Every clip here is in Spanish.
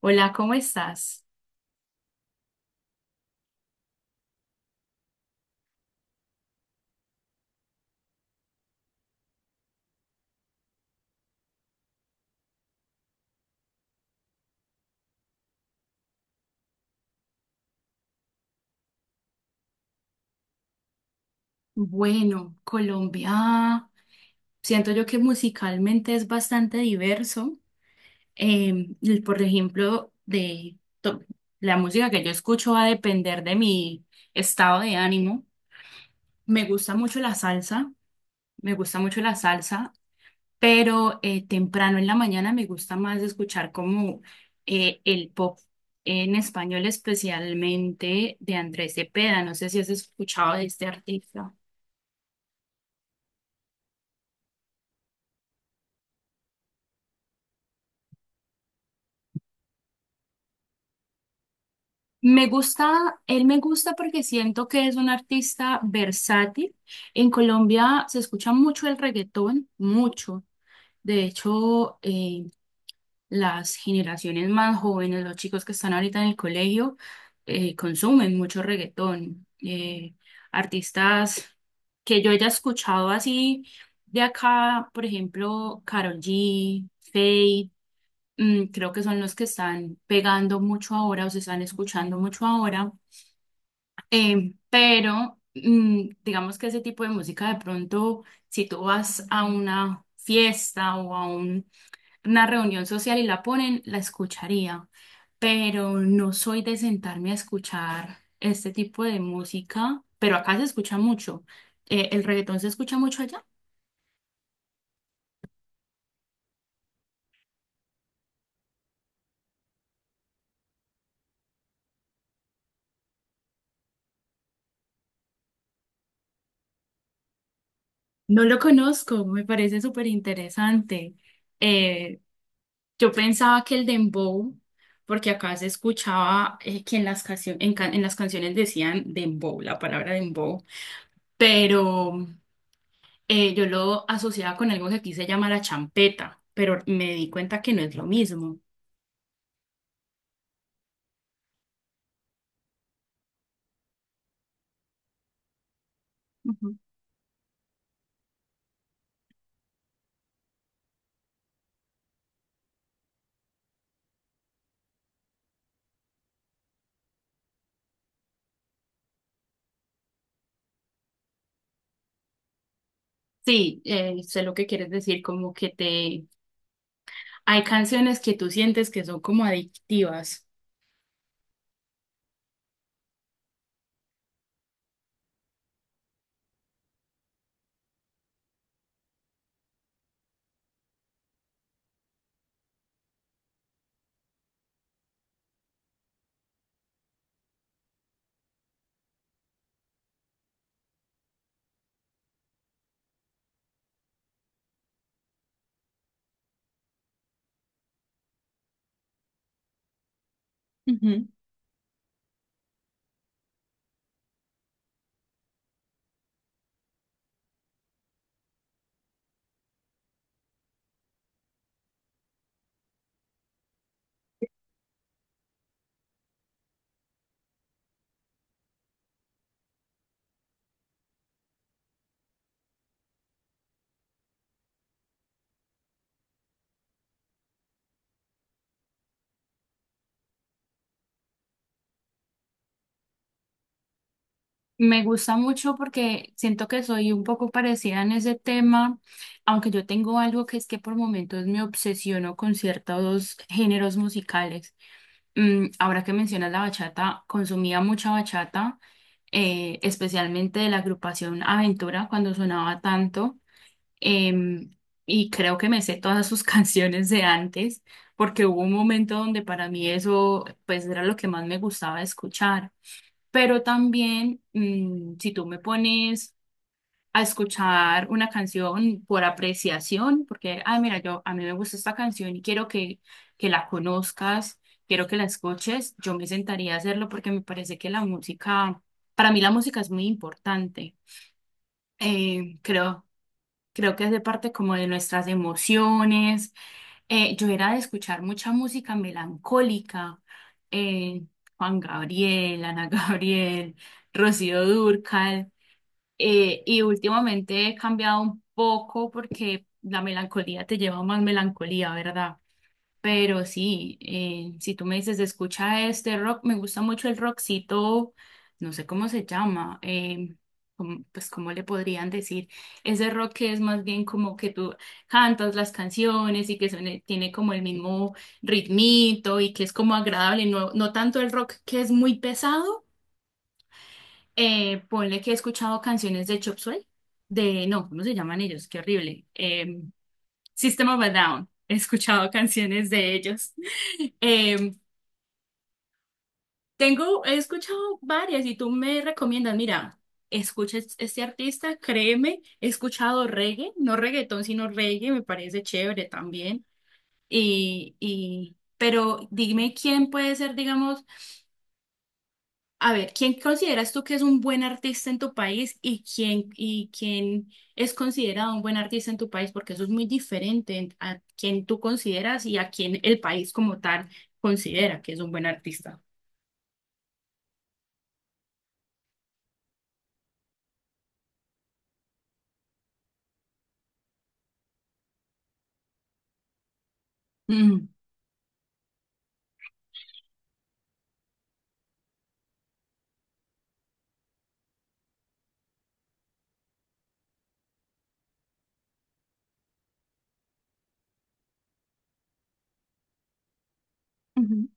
Hola, ¿cómo estás? Bueno, Colombia, siento yo que musicalmente es bastante diverso. Y por ejemplo, la música que yo escucho va a depender de mi estado de ánimo. Me gusta mucho la salsa, me gusta mucho la salsa, pero temprano en la mañana me gusta más escuchar como el pop en español, especialmente de Andrés Cepeda. No sé si has escuchado de este artista. Me gusta, él me gusta porque siento que es un artista versátil. En Colombia se escucha mucho el reggaetón, mucho. De hecho, las generaciones más jóvenes, los chicos que están ahorita en el colegio, consumen mucho reggaetón. Artistas que yo haya escuchado así de acá, por ejemplo, Karol G, Feid, creo que son los que están pegando mucho ahora o se están escuchando mucho ahora. Pero digamos que ese tipo de música de pronto, si tú vas a una fiesta o a una reunión social y la ponen, la escucharía, pero no soy de sentarme a escuchar este tipo de música, pero acá se escucha mucho. ¿El reggaetón se escucha mucho allá? No lo conozco, me parece súper interesante. Eh, yo pensaba que el dembow, porque acá se escuchaba que en las canciones decían dembow, la palabra dembow, pero yo lo asociaba con algo que aquí se llama la champeta, pero me di cuenta que no es lo mismo. Ujú. Sí, sé lo que quieres decir, como que te... Hay canciones que tú sientes que son como adictivas. Me gusta mucho porque siento que soy un poco parecida en ese tema, aunque yo tengo algo que es que por momentos me obsesiono con ciertos géneros musicales. Ahora que mencionas la bachata, consumía mucha bachata, especialmente de la agrupación Aventura cuando sonaba tanto, em, y creo que me sé todas sus canciones de antes, porque hubo un momento donde para mí eso pues era lo que más me gustaba escuchar. Pero también, si tú me pones a escuchar una canción por apreciación, porque, ah, mira, yo a mí me gusta esta canción y quiero que la conozcas, quiero que la escuches, yo me sentaría a hacerlo porque me parece que para mí la música es muy importante. Eh, creo, creo que hace parte como de nuestras emociones. Yo era de escuchar mucha música melancólica, eh, Juan Gabriel, Ana Gabriel, Rocío Dúrcal, y últimamente he cambiado un poco porque la melancolía te lleva a más melancolía, ¿verdad? Pero sí, si tú me dices, escucha este rock, me gusta mucho el rockcito, no sé cómo se llama, pues cómo le podrían decir, ese rock que es más bien como que tú cantas las canciones y que tiene como el mismo ritmito y que es como agradable, no, no tanto el rock que es muy pesado, ponle que he escuchado canciones de Chop Suey, de, no, ¿cómo se llaman ellos? Qué horrible. System of a Down. He escuchado canciones de ellos. Eh, tengo, he escuchado varias y tú me recomiendas, mira, escucha este artista, créeme, he escuchado reggae, no reggaetón, sino reggae, me parece chévere también. Pero dime quién puede ser, digamos. A ver, ¿quién consideras tú que es un buen artista en tu país y quién es considerado un buen artista en tu país? Porque eso es muy diferente a quién tú consideras y a quién el país como tal considera que es un buen artista. Mm. Ujú.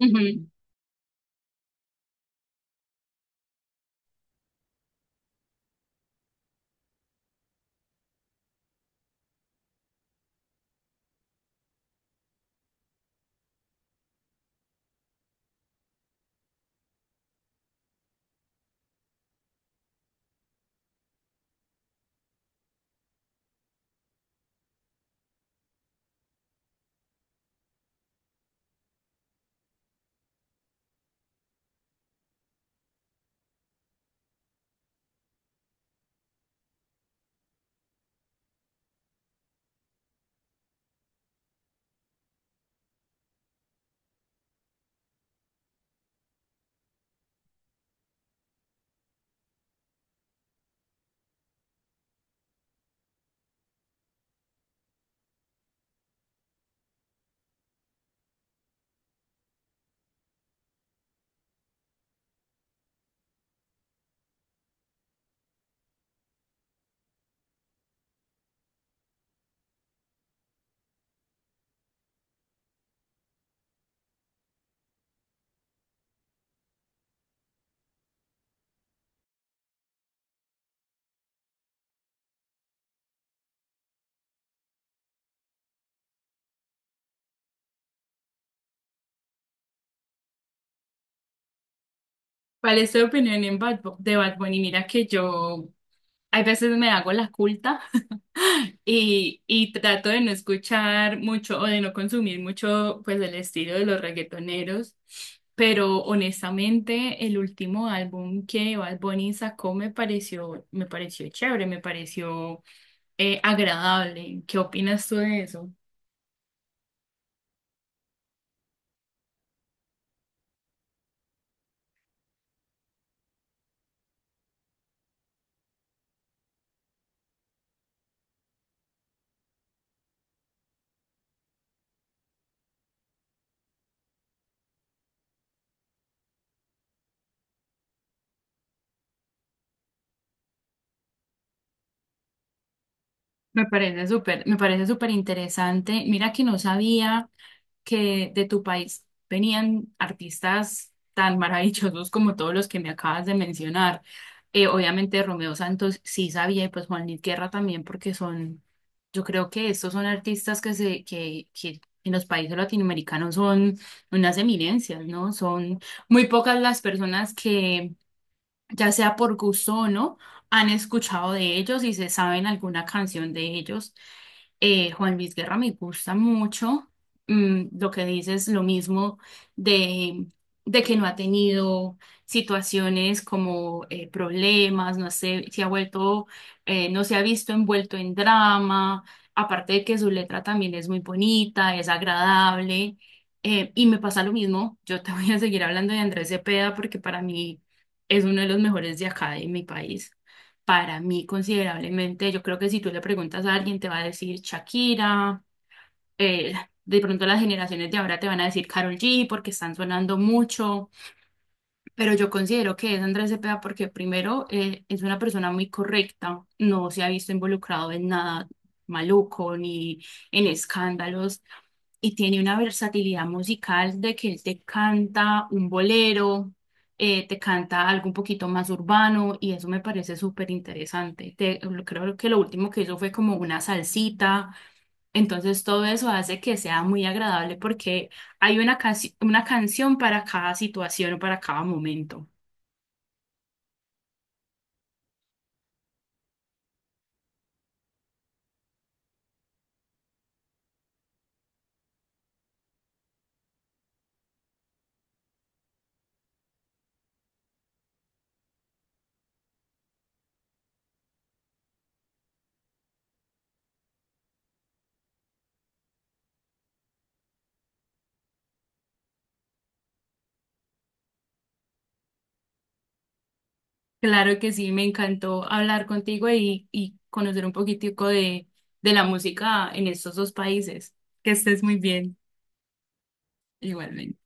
Ujú. ¿Cuál es tu opinión de Bad Bunny? Mira que yo hay veces me hago la culta. Trato de no escuchar mucho o de no consumir mucho pues el estilo de los reggaetoneros, pero honestamente el último álbum que Bad Bunny sacó me pareció chévere, me pareció agradable. ¿Qué opinas tú de eso? Me parece súper interesante. Mira que no sabía que de tu país venían artistas tan maravillosos como todos los que me acabas de mencionar. Obviamente Romeo Santos sí sabía y pues Juan Luis Guerra también porque son, yo creo que estos son artistas que en los países latinoamericanos son unas eminencias, ¿no? Son muy pocas las personas que ya sea por gusto o no, han escuchado de ellos y se saben alguna canción de ellos. Juan Luis Guerra me gusta mucho. Lo que dices, lo mismo de, de que no ha tenido situaciones como problemas, no sé, no se ha visto envuelto en drama, aparte de que su letra también es muy bonita, es agradable. Y me pasa lo mismo, yo te voy a seguir hablando de Andrés Cepeda porque para mí es uno de los mejores de acá de mi país. Para mí, considerablemente, yo creo que si tú le preguntas a alguien, te va a decir Shakira, eh, de pronto las generaciones de ahora te van a decir Karol G porque están sonando mucho. Pero yo considero que es Andrés Cepeda porque primero es una persona muy correcta, no se ha visto involucrado en nada maluco ni en escándalos y tiene una versatilidad musical de que él te canta un bolero, te canta algo un poquito más urbano y eso me parece súper interesante. Creo que lo último que hizo fue como una salsita, entonces todo eso hace que sea muy agradable porque hay una canción para cada situación o para cada momento. Claro que sí, me encantó hablar contigo y conocer un poquitico de la música en estos dos países. Que estés muy bien, igualmente.